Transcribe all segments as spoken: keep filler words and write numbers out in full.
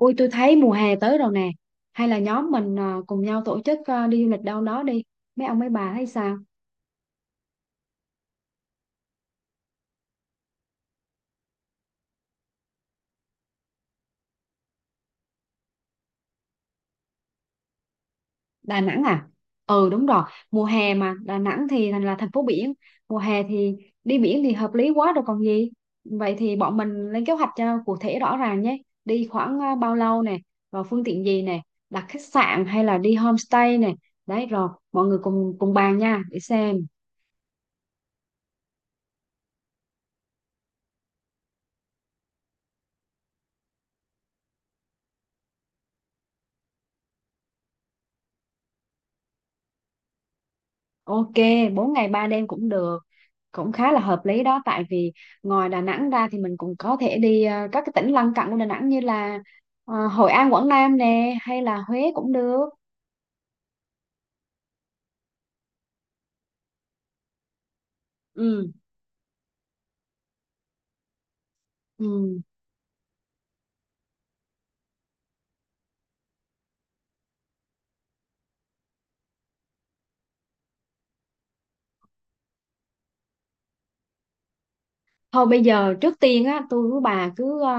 Ui, tôi thấy mùa hè tới rồi nè. Hay là nhóm mình ờ, cùng nhau tổ chức ờ, đi du lịch đâu đó đi. Mấy ông mấy bà thấy sao? Đà Nẵng à? Ừ, đúng rồi. Mùa hè mà Đà Nẵng thì thành là thành phố biển. Mùa hè thì đi biển thì hợp lý quá rồi còn gì. Vậy thì bọn mình lên kế hoạch cho cụ thể rõ ràng nhé. Đi khoảng ờ, bao lâu nè, rồi phương tiện gì nè? Đặt khách sạn hay là đi homestay nè? Đấy, rồi mọi người cùng cùng bàn nha. Để xem. Ok, bốn ngày ba đêm cũng được, cũng khá là hợp lý đó, tại vì ngoài Đà Nẵng ra thì mình cũng có thể đi ờ, các cái tỉnh lân cận của Đà Nẵng như là ờ, Hội An, Quảng Nam nè, hay là Huế cũng được. Ừ, ừ. Thôi bây giờ trước tiên á, tôi với bà cứ ờ,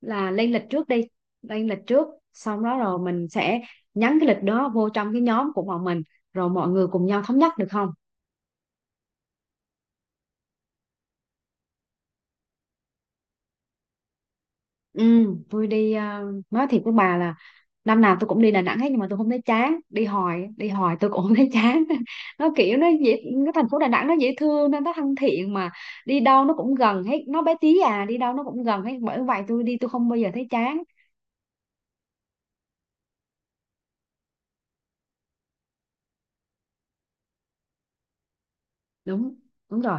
là lên lịch trước đi, lên lịch trước xong đó rồi mình sẽ nhắn cái lịch đó vô trong cái nhóm của bọn mình, rồi mọi người cùng nhau thống nhất được không? Ừ, tôi đi ờ, nói thiệt với bà là năm nào tôi cũng đi Đà Nẵng hết, nhưng mà tôi không thấy chán, đi hồi đi hồi tôi cũng không thấy chán. Nó kiểu nó dễ, cái thành phố Đà Nẵng nó dễ thương, nó nó thân thiện mà, đi đâu nó cũng gần hết, nó bé tí à, đi đâu nó cũng gần hết, bởi vậy tôi đi tôi không bao giờ thấy chán. Đúng, đúng rồi,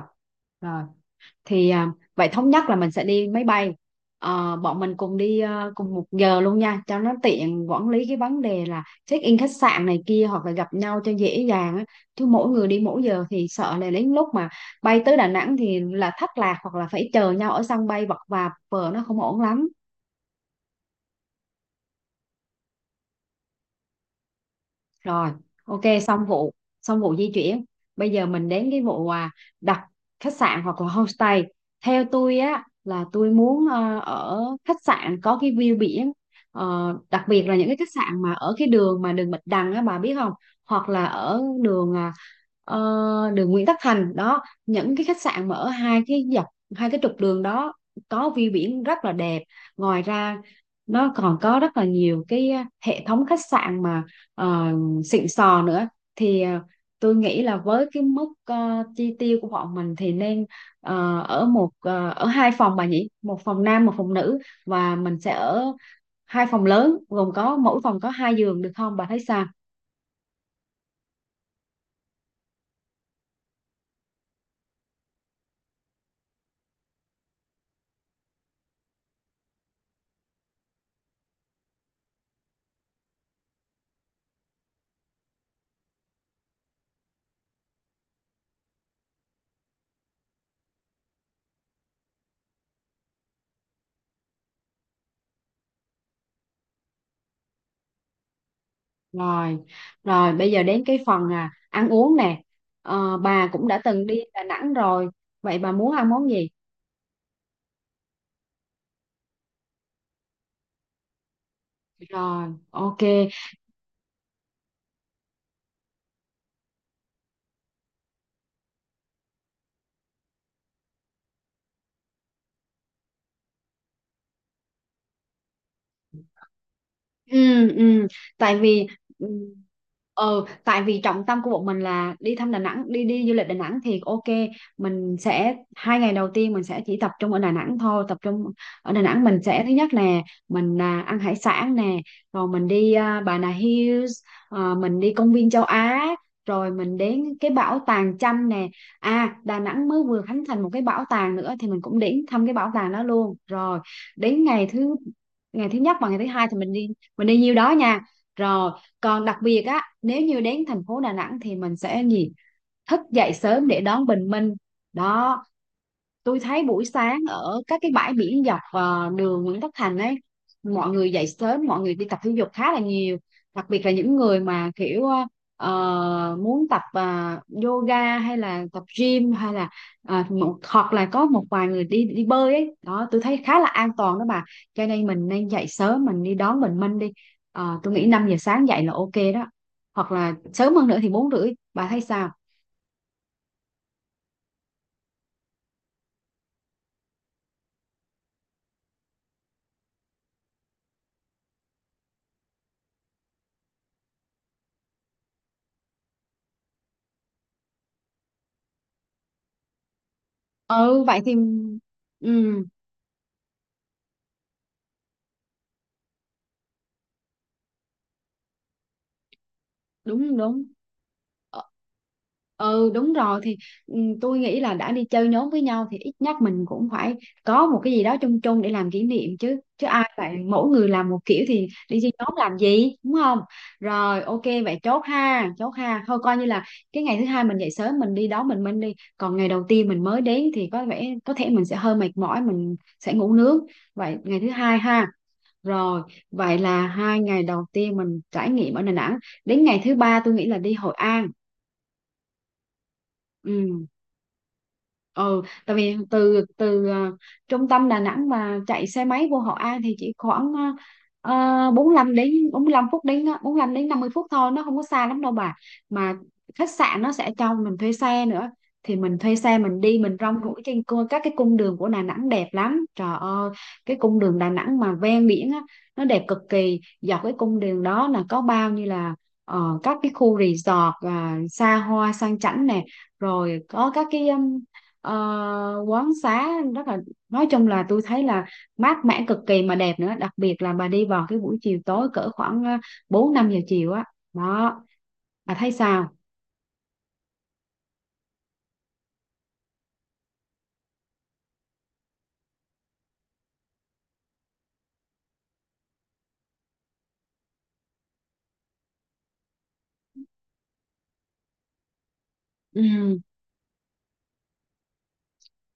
rồi thì à, vậy thống nhất là mình sẽ đi máy bay. Ờ, bọn mình cùng đi ờ, cùng một giờ luôn nha, cho nó tiện quản lý cái vấn đề là check in khách sạn này kia, hoặc là gặp nhau cho dễ dàng á, chứ mỗi người đi mỗi giờ thì sợ là đến lúc mà bay tới Đà Nẵng thì là thất lạc, hoặc là phải chờ nhau ở sân bay vật vã vờ, nó không ổn lắm. Rồi, ok, xong vụ xong vụ di chuyển. Bây giờ mình đến cái vụ à, đặt khách sạn hoặc là homestay. Theo tôi á là tôi muốn ờ, ở khách sạn có cái view biển. Ờ, đặc biệt là những cái khách sạn mà ở cái đường mà đường Bạch Đằng á, bà biết không, hoặc là ở đường à, ờ, đường Nguyễn Tất Thành đó, những cái khách sạn mà ở hai cái dọc hai cái trục đường đó có view biển rất là đẹp. Ngoài ra nó còn có rất là nhiều cái à, hệ thống khách sạn mà ờ, xịn sò nữa. Thì ờ, tôi nghĩ là với cái mức ờ, chi tiêu của bọn mình thì nên ờ, ở một ờ, ở hai phòng bà nhỉ, một phòng nam một phòng nữ, và mình sẽ ở hai phòng lớn gồm có mỗi phòng có hai giường được không, bà thấy sao? Rồi rồi bây giờ đến cái phần à, ăn uống nè. Ờ, bà cũng đã từng đi Đà Nẵng rồi, vậy bà muốn ăn món gì? Rồi, ok. Ừ, ừ, tại vì ừ, ờ tại vì trọng tâm của bọn mình là đi thăm Đà Nẵng, đi đi du lịch Đà Nẵng thì ok. Mình sẽ hai ngày đầu tiên mình sẽ chỉ tập trung ở Đà Nẵng thôi, tập trung ở Đà Nẵng. Mình sẽ thứ nhất nè, mình à, ăn hải sản nè, rồi mình đi à, Bà Nà Hills, ờ, mình đi công viên châu Á, rồi mình đến cái bảo tàng Chăm nè. À, Đà Nẵng mới vừa khánh thành một cái bảo tàng nữa, thì mình cũng đến thăm cái bảo tàng đó luôn. Rồi đến ngày thứ ngày thứ nhất và ngày thứ hai thì mình đi, mình đi nhiêu đó nha. Rồi còn đặc biệt á, nếu như đến thành phố Đà Nẵng thì mình sẽ gì? Thức dậy sớm để đón bình minh. Đó, tôi thấy buổi sáng ở các cái bãi biển dọc ờ, đường Nguyễn Tất Thành ấy, mọi người dậy sớm, mọi người đi tập thể dục khá là nhiều, đặc biệt là những người mà kiểu ờ, ờ, muốn tập ờ, yoga, hay là tập gym, hay là ờ, một, hoặc là có một vài người đi đi bơi ấy đó, tôi thấy khá là an toàn đó bà. Cho nên mình nên dậy sớm mình đi đón bình minh đi. Ờ, tôi nghĩ năm giờ sáng dậy là ok đó, hoặc là sớm hơn nữa thì bốn rưỡi, bà thấy sao? Ừ, vậy thì ừ, đúng đúng. Ờ, ừ, đúng rồi thì ừ, tôi nghĩ là đã đi chơi nhóm với nhau thì ít nhất mình cũng phải có một cái gì đó chung chung để làm kỷ niệm chứ chứ ai vậy, mỗi người làm một kiểu thì đi chơi nhóm làm gì, đúng không? Rồi ok, vậy chốt ha, chốt ha. Thôi coi như là cái ngày thứ hai mình dậy sớm mình đi đó, mình mình đi. Còn ngày đầu tiên mình mới đến thì có vẻ có thể mình sẽ hơi mệt mỏi, mình sẽ ngủ nướng. Vậy ngày thứ hai ha. Rồi, vậy là hai ngày đầu tiên mình trải nghiệm ở Đà Nẵng. Đến ngày thứ ba tôi nghĩ là đi Hội An. Ừ, ừ, tại vì từ từ ờ, trung tâm Đà Nẵng mà chạy xe máy vô Hội An thì chỉ khoảng ờ, ờ, bốn lăm đến bốn lăm phút đến ờ, bốn lăm đến năm mươi phút thôi, nó không có xa lắm đâu bà. Mà khách sạn nó sẽ cho mình thuê xe nữa, thì mình thuê xe mình đi, mình rong ruổi trên cô- các cái cung đường của Đà Nẵng đẹp lắm trời ơi. Cái cung đường Đà Nẵng mà ven biển á, nó đẹp cực kỳ. Dọc cái cung đường đó là có bao nhiêu là ờ, các cái khu resort à, xa hoa sang chảnh nè, rồi có các cái um, ờ, quán xá, rất là, nói chung là tôi thấy là mát mẻ cực kỳ mà đẹp nữa. Đặc biệt là bà đi vào cái buổi chiều tối cỡ khoảng ờ, bốn năm giờ chiều á, đó, bà thấy sao? Ừ.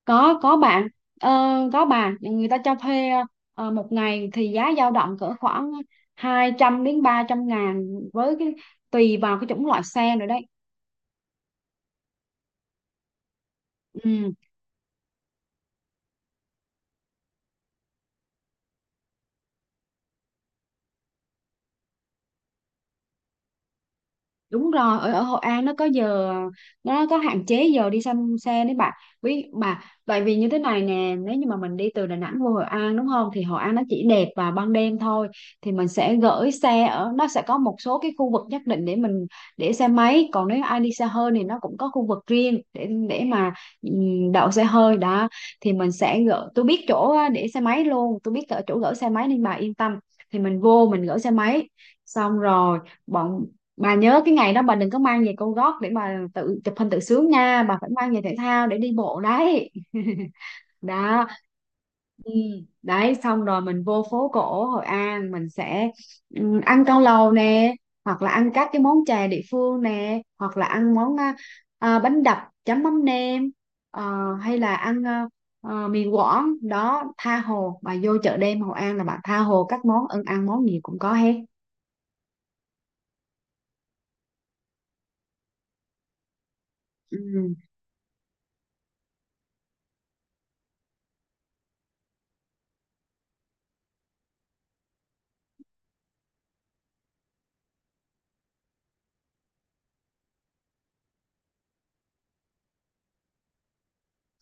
có có bạn, ờ, có bà, người ta cho thuê ờ, một ngày thì giá dao động cỡ khoảng hai trăm đến ba trăm ngàn, với cái, tùy vào cái chủng loại xe nữa đấy. Ừ. Đúng rồi, ở ở Hội An nó có giờ, nó có hạn chế giờ đi xăm xe đấy bạn, biết mà. Tại vì như thế này nè, nếu như mà mình đi từ Đà Nẵng vô Hội An, đúng không, thì Hội An nó chỉ đẹp vào ban đêm thôi. Thì mình sẽ gửi xe ở, nó sẽ có một số cái khu vực nhất định để mình để xe máy, còn nếu ai đi xe hơi thì nó cũng có khu vực riêng để để mà ừm, đậu xe hơi đó. Thì mình sẽ gửi, tôi biết chỗ để xe máy luôn, tôi biết ở chỗ gửi xe máy nên bà yên tâm. Thì mình vô mình gửi xe máy xong rồi. bọn bà nhớ cái ngày đó bà đừng có mang giày cao gót để bà tự chụp hình tự sướng nha, bà phải mang giày thể thao để đi bộ đấy. Đó. Ừ. Đấy, xong rồi mình vô phố cổ Hội An, mình sẽ ừ, ăn cao lầu nè, hoặc là ăn các cái món chè địa phương nè, hoặc là ăn món à, à, bánh đập chấm mắm nêm, ờ, hay là ăn à, à, mì Quảng đó. Tha hồ, bà vô chợ đêm Hội An là bà tha hồ các món ăn, ăn món gì cũng có hết. Ừ.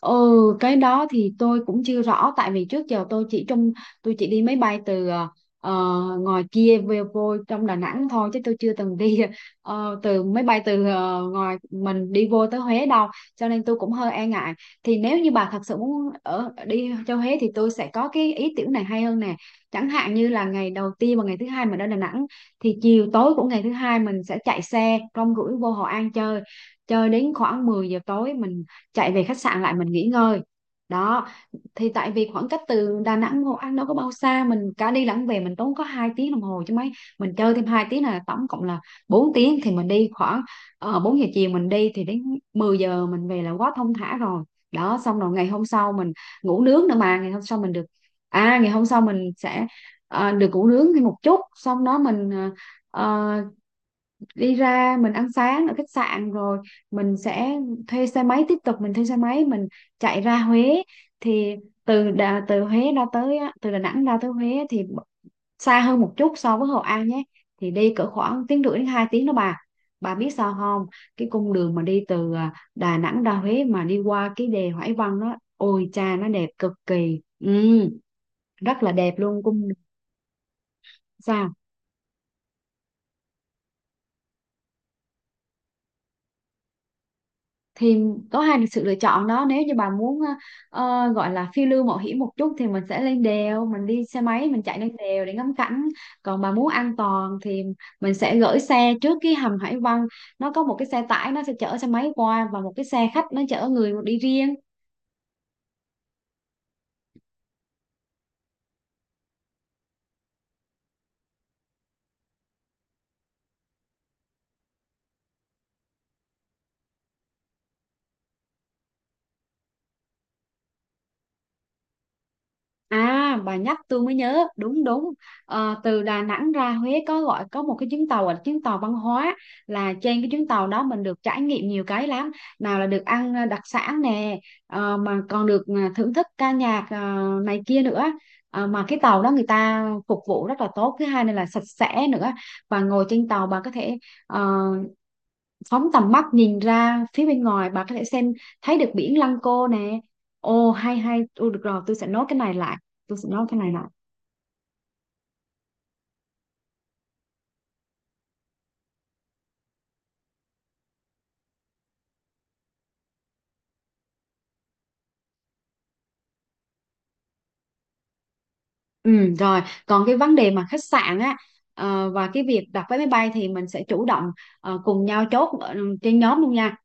Ừ, cái đó thì tôi cũng chưa rõ, tại vì trước giờ tôi chỉ trong, tôi chỉ đi máy bay từ ờ, ờ, ngoài kia về vô trong Đà Nẵng thôi, chứ tôi chưa từng đi ờ, từ máy bay từ ờ, ngoài mình đi vô tới Huế đâu, cho nên tôi cũng hơi e ngại. Thì nếu như bà thật sự muốn ở đi cho Huế thì tôi sẽ có cái ý tưởng này hay hơn nè. Chẳng hạn như là ngày đầu tiên và ngày thứ hai mình ở Đà Nẵng, thì chiều tối của ngày thứ hai mình sẽ chạy xe rong ruổi vô Hội An chơi, chơi đến khoảng mười giờ tối mình chạy về khách sạn lại mình nghỉ ngơi. Đó, thì tại vì khoảng cách từ Đà Nẵng Hội An đâu có bao xa, mình cả đi lẫn về mình tốn có hai tiếng đồng hồ chứ mấy. Mình chơi thêm hai tiếng là tổng cộng là bốn tiếng, thì mình đi khoảng uh, bốn giờ chiều mình đi thì đến mười giờ mình về là quá thong thả rồi. Đó, xong rồi ngày hôm sau mình ngủ nướng nữa, mà ngày hôm sau mình được, à ngày hôm sau mình sẽ ờ, được ngủ nướng thêm một chút, xong đó mình ờ, ờ, đi ra mình ăn sáng ở khách sạn, rồi mình sẽ thuê xe máy, tiếp tục mình thuê xe máy mình chạy ra Huế. Thì từ Đà, từ Huế ra tới từ Đà Nẵng ra tới Huế thì xa hơn một chút so với Hội An nhé, thì đi cỡ khoảng tiếng rưỡi đến hai tiếng đó bà. Bà biết sao không, cái cung đường mà đi từ à, Đà Nẵng ra Huế mà đi qua cái đèo Hải Vân đó, ôi cha nó đẹp cực kỳ. Ừ, rất là đẹp luôn, cung đường. Sao? Thì có hai sự lựa chọn đó. Nếu như bà muốn ờ, gọi là phiêu lưu mạo hiểm một chút thì mình sẽ lên đèo, mình đi xe máy mình chạy lên đèo để ngắm cảnh. Còn bà muốn an toàn thì mình sẽ gửi xe trước cái hầm Hải Vân, nó có một cái xe tải nó sẽ chở xe máy qua, và một cái xe khách nó chở người đi riêng. À, bà nhắc tôi mới nhớ, đúng đúng. Ờ, từ Đà Nẵng ra Huế có gọi, có một cái chuyến tàu là chuyến tàu văn hóa, là trên cái chuyến tàu đó mình được trải nghiệm nhiều cái lắm. Nào là được ăn ờ, đặc sản nè, ờ, mà còn được ờ, thưởng thức ca nhạc ờ, này kia nữa. Ờ, mà cái tàu đó người ta phục vụ rất là tốt, thứ hai nữa là sạch sẽ nữa. Và ngồi trên tàu bà có thể ờ, phóng tầm mắt nhìn ra phía bên ngoài, bà có thể xem thấy được biển Lăng Cô nè. Ồ, hay hay. Ồ, được rồi, tôi sẽ nốt cái này lại, tôi sẽ nốt cái này lại. Ừ, rồi, còn cái vấn đề mà khách sạn á, ờ, và cái việc đặt vé máy bay thì mình sẽ chủ động ờ, cùng nhau chốt ờ, trên nhóm luôn nha.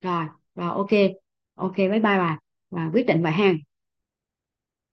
Rồi, rồi ok, ok, bye bye bà, và quyết định vậy ha.